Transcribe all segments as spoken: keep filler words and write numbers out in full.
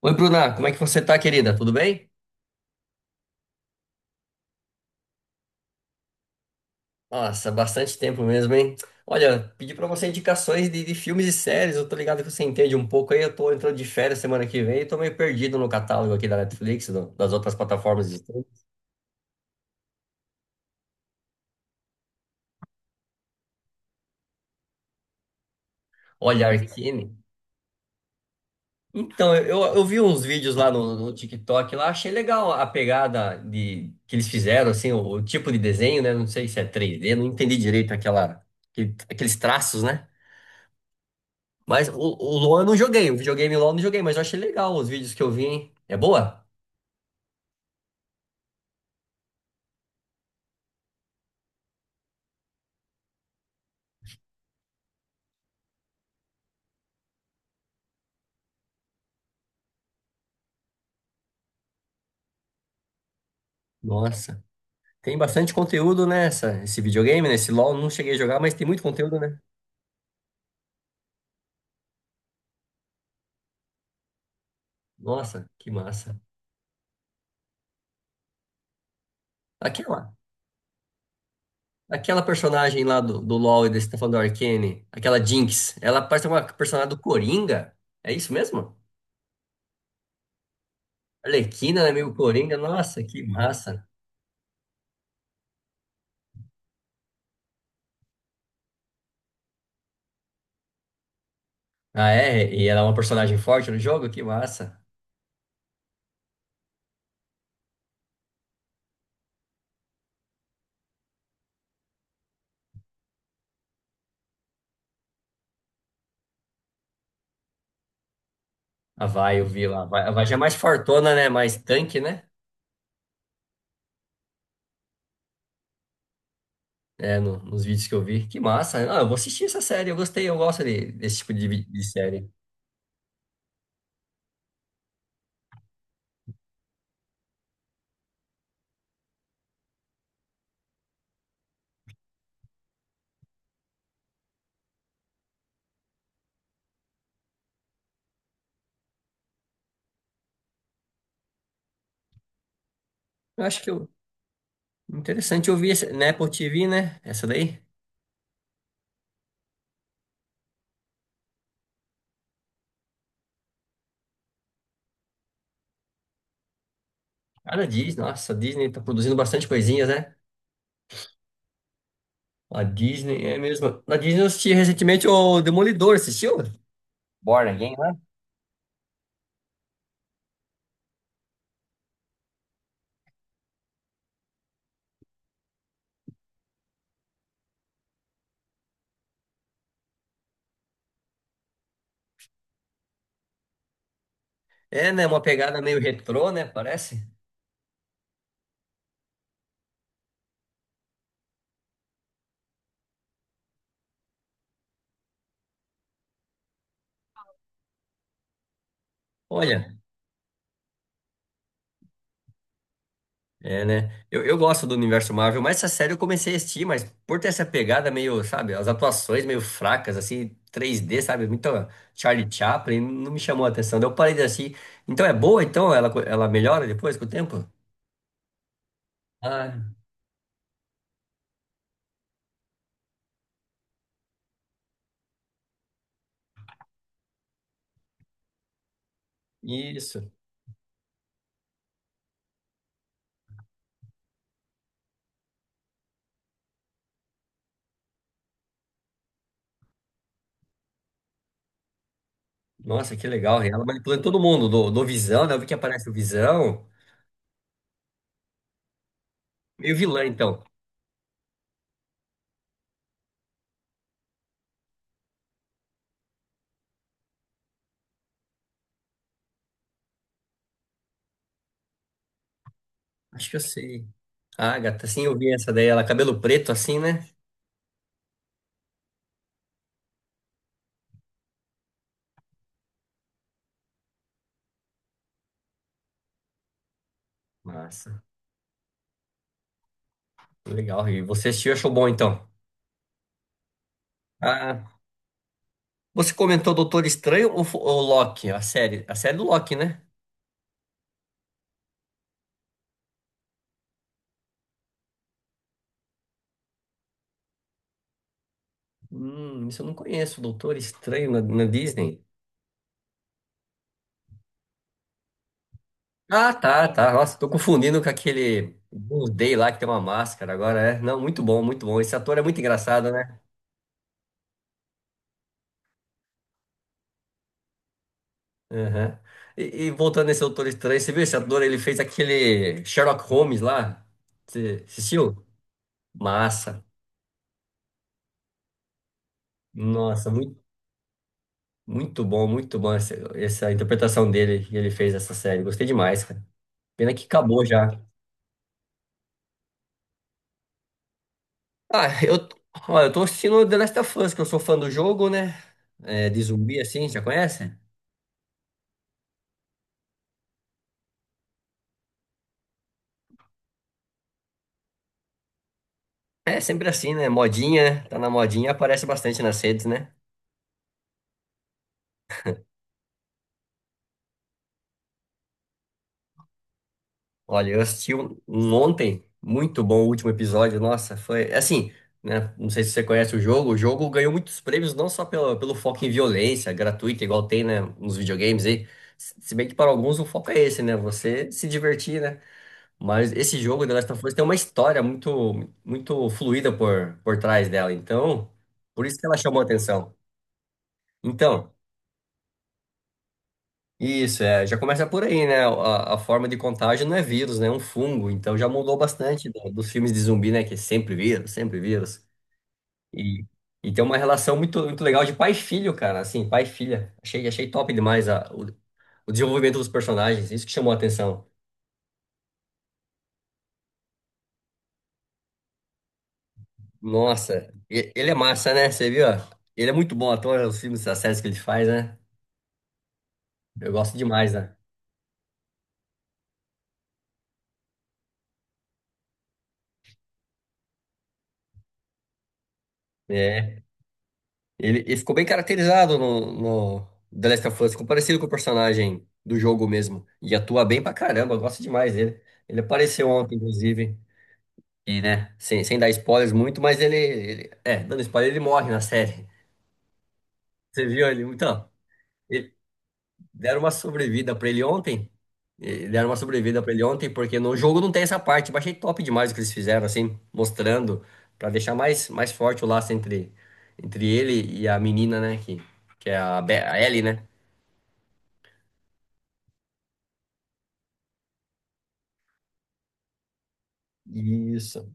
Oi, Bruna, como é que você tá, querida? Tudo bem? Nossa, bastante tempo mesmo, hein? Olha, pedi pra você indicações de, de filmes e séries, eu tô ligado que você entende um pouco aí, eu tô entrando de férias semana que vem e tô meio perdido no catálogo aqui da Netflix, do- das outras plataformas de streaming. Olha, Arcane. Então, eu, eu eu vi uns vídeos lá no, no TikTok lá, achei legal a pegada de que eles fizeram, assim, o, o tipo de desenho, né? Não sei se é três D, não entendi direito aquela, aquele- aqueles traços, né? Mas o, o Luan eu não joguei, o videogame LOL eu não joguei, mas eu achei legal os vídeos que eu vi, hein? É boa? Nossa. Tem bastante conteúdo nessa, esse videogame, né? Esse LOL eu não cheguei a jogar, mas tem muito conteúdo, né? Nossa, que massa. Aquela, aquela personagem lá do, do LoL e desse tá falando do Arcane, aquela Jinx, ela parece uma personagem do Coringa. É isso mesmo? Arlequina, né? Meio Coringa. Nossa, que massa. Ah, é? E ela é uma personagem forte no jogo? Que massa. A Vi, eu vi lá. A Vi a Vi já é mais fortona, né? Mais tanque, né? É, no- nos vídeos que eu vi. Que massa. Ah, eu vou assistir essa série. Eu gostei, eu gosto de- desse tipo de, vi- de série. Eu acho que eu, Interessante eu vi essa, na Apple T V, né? Essa daí. Cara, a Disney, nossa, a Disney tá produzindo bastante coisinhas, né? A Disney é mesmo. Na Disney eu assisti recentemente o Demolidor, assistiu? Born Again, né? É, né? Uma pegada meio retrô, né? Parece. Olha, é, né? Eu, eu gosto do universo Marvel, mas essa série eu comecei a assistir, mas por ter essa pegada meio, sabe, as atuações meio fracas, assim, três D, sabe, muito Charlie Chaplin, não me chamou a atenção. Daí eu parei de assistir. Então é boa, então? Ela, co- ela melhora depois com o tempo? Ah, isso. Nossa, que legal. E ela manipulando todo mundo, do, do Visão, né? Eu vi que aparece o Visão. Meio vilã, então. Acho que eu sei. Ah, gata, sim, eu vi essa daí, ela cabelo preto assim, né? Massa, legal. E você assistiu, e achou bom, então? Ah. Você comentou Doutor Estranho ou, fo- ou Loki? A série, a série do Loki, né? Hum, isso eu não conheço, Doutor Estranho na, na Disney. Ah, tá, tá. Nossa, tô confundindo com aquele Blue Day lá que tem uma máscara agora, é. Não, muito bom, muito bom. Esse ator é muito engraçado, né? Aham. E, e voltando nesse Doutor Estranho, você viu esse ator? Ele fez aquele Sherlock Holmes lá. Você assistiu? Massa. Nossa, muito, muito bom, muito bom essa, essa interpretação dele que ele fez essa série. Gostei demais, cara. Pena que acabou já. Ah, eu, ó, eu tô assistindo The Last of Us, que eu sou fã do jogo, né? É, de zumbi assim, já conhece? É sempre assim, né? Modinha, né? Tá na modinha, aparece bastante nas redes, né? Olha, eu assisti um, um ontem, muito bom o último episódio, nossa, foi assim, né? Não sei se você conhece o jogo, o jogo ganhou muitos prêmios, não só pelo, pelo foco em violência gratuita, igual tem, né, nos videogames aí. Se se bem que para alguns o foco é esse, né? Você se divertir, né? Mas esse jogo, The Last of Us, tem uma história muito, muito fluida por, por trás dela. Então, por isso que ela chamou a atenção. Então, isso, é, já começa por aí, né? A, a forma de contágio não é vírus, né? É um fungo. Então, já mudou bastante do- dos filmes de zumbi, né? Que é sempre vírus, sempre vírus. E, e tem uma relação muito, muito legal de pai e filho, cara. Assim, pai e filha. Achei, achei top demais a, o, o desenvolvimento dos personagens. Isso que chamou a atenção. Nossa, e- ele é massa, né? Você viu? Ele é muito bom ator, os filmes, as séries que ele faz, né? Eu gosto demais, né? É. Ele, ele ficou bem caracterizado no, no The Last of Us, ficou parecido com o personagem do jogo mesmo. E atua bem pra caramba, eu gosto demais dele. Ele apareceu ontem, inclusive, e, né? Sem, sem dar spoilers muito, mas ele, ele- é, dando spoiler, ele morre na série. Você viu ele? Então. Deram uma sobrevida pra ele ontem. Eh, Deram uma sobrevida pra ele ontem, porque no jogo não tem essa parte. Eu achei top demais o que eles fizeram, assim, mostrando, pra deixar mais, mais forte o laço entre, entre ele e a menina, né? Que, que é a, Be a Ellie, né? Isso.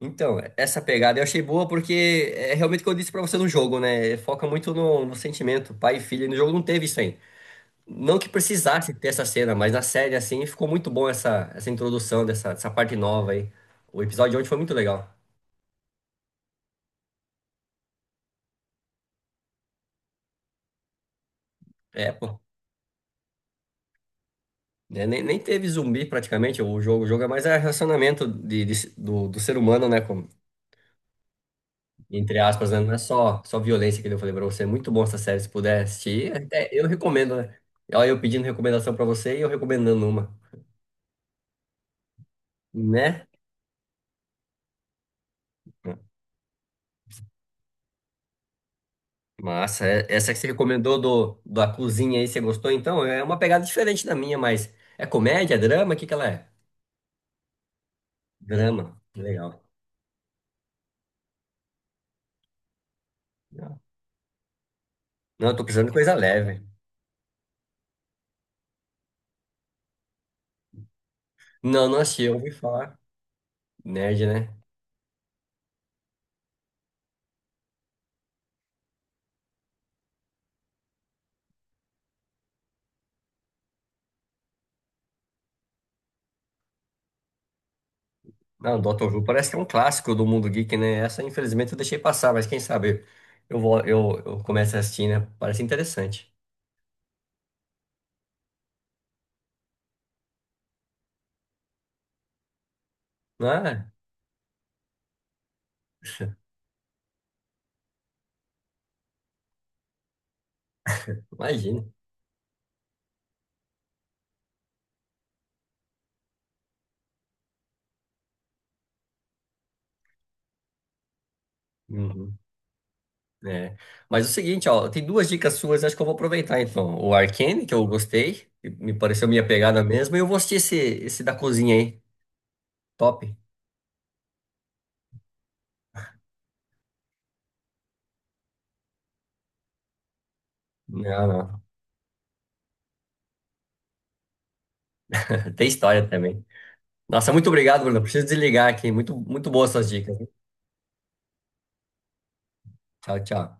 Então, essa pegada eu achei boa porque é realmente o que eu disse pra você no jogo, né? Foca muito no, no sentimento, pai e filha. E no jogo não teve isso aí. Não que precisasse ter essa cena, mas na série, assim, ficou muito bom essa, essa introdução dessa, dessa parte nova aí. O episódio de ontem foi muito legal. É, pô. Né, Nem, nem teve zumbi praticamente o jogo. O jogo é mais é relacionamento de, de- do, do ser humano, né? Com- entre aspas, né? Não é só, só, violência que eu falei pra você. É muito bom essa série, se puder assistir. Até eu recomendo, né? Olha, eu pedindo recomendação pra você e eu recomendando uma, né? Massa, é- essa que você recomendou do, da cozinha aí, você gostou? Então, é uma pegada diferente da minha, mas é comédia, é drama? O que que ela é? Drama, legal. Legal. Não, eu tô precisando de coisa leve. Não, não achei, eu ouvi falar. Nerd, né? Não, Doctor Who parece que é um clássico do mundo geek, né? Essa, infelizmente, eu deixei passar, mas quem sabe eu vou, eu, eu começo a assistir, né? Parece interessante. Ah, imagina. Uhum, é. Mas é o seguinte, ó, tem duas dicas suas, acho que eu vou aproveitar então. O Arcane, que eu gostei, que me pareceu minha pegada mesmo, e eu vou assistir esse, esse, da cozinha aí. Top. Não, não. Tem história também. Nossa, muito obrigado, Bruno. Preciso desligar aqui. Muito, muito boas suas dicas, hein? Tchau, tchau.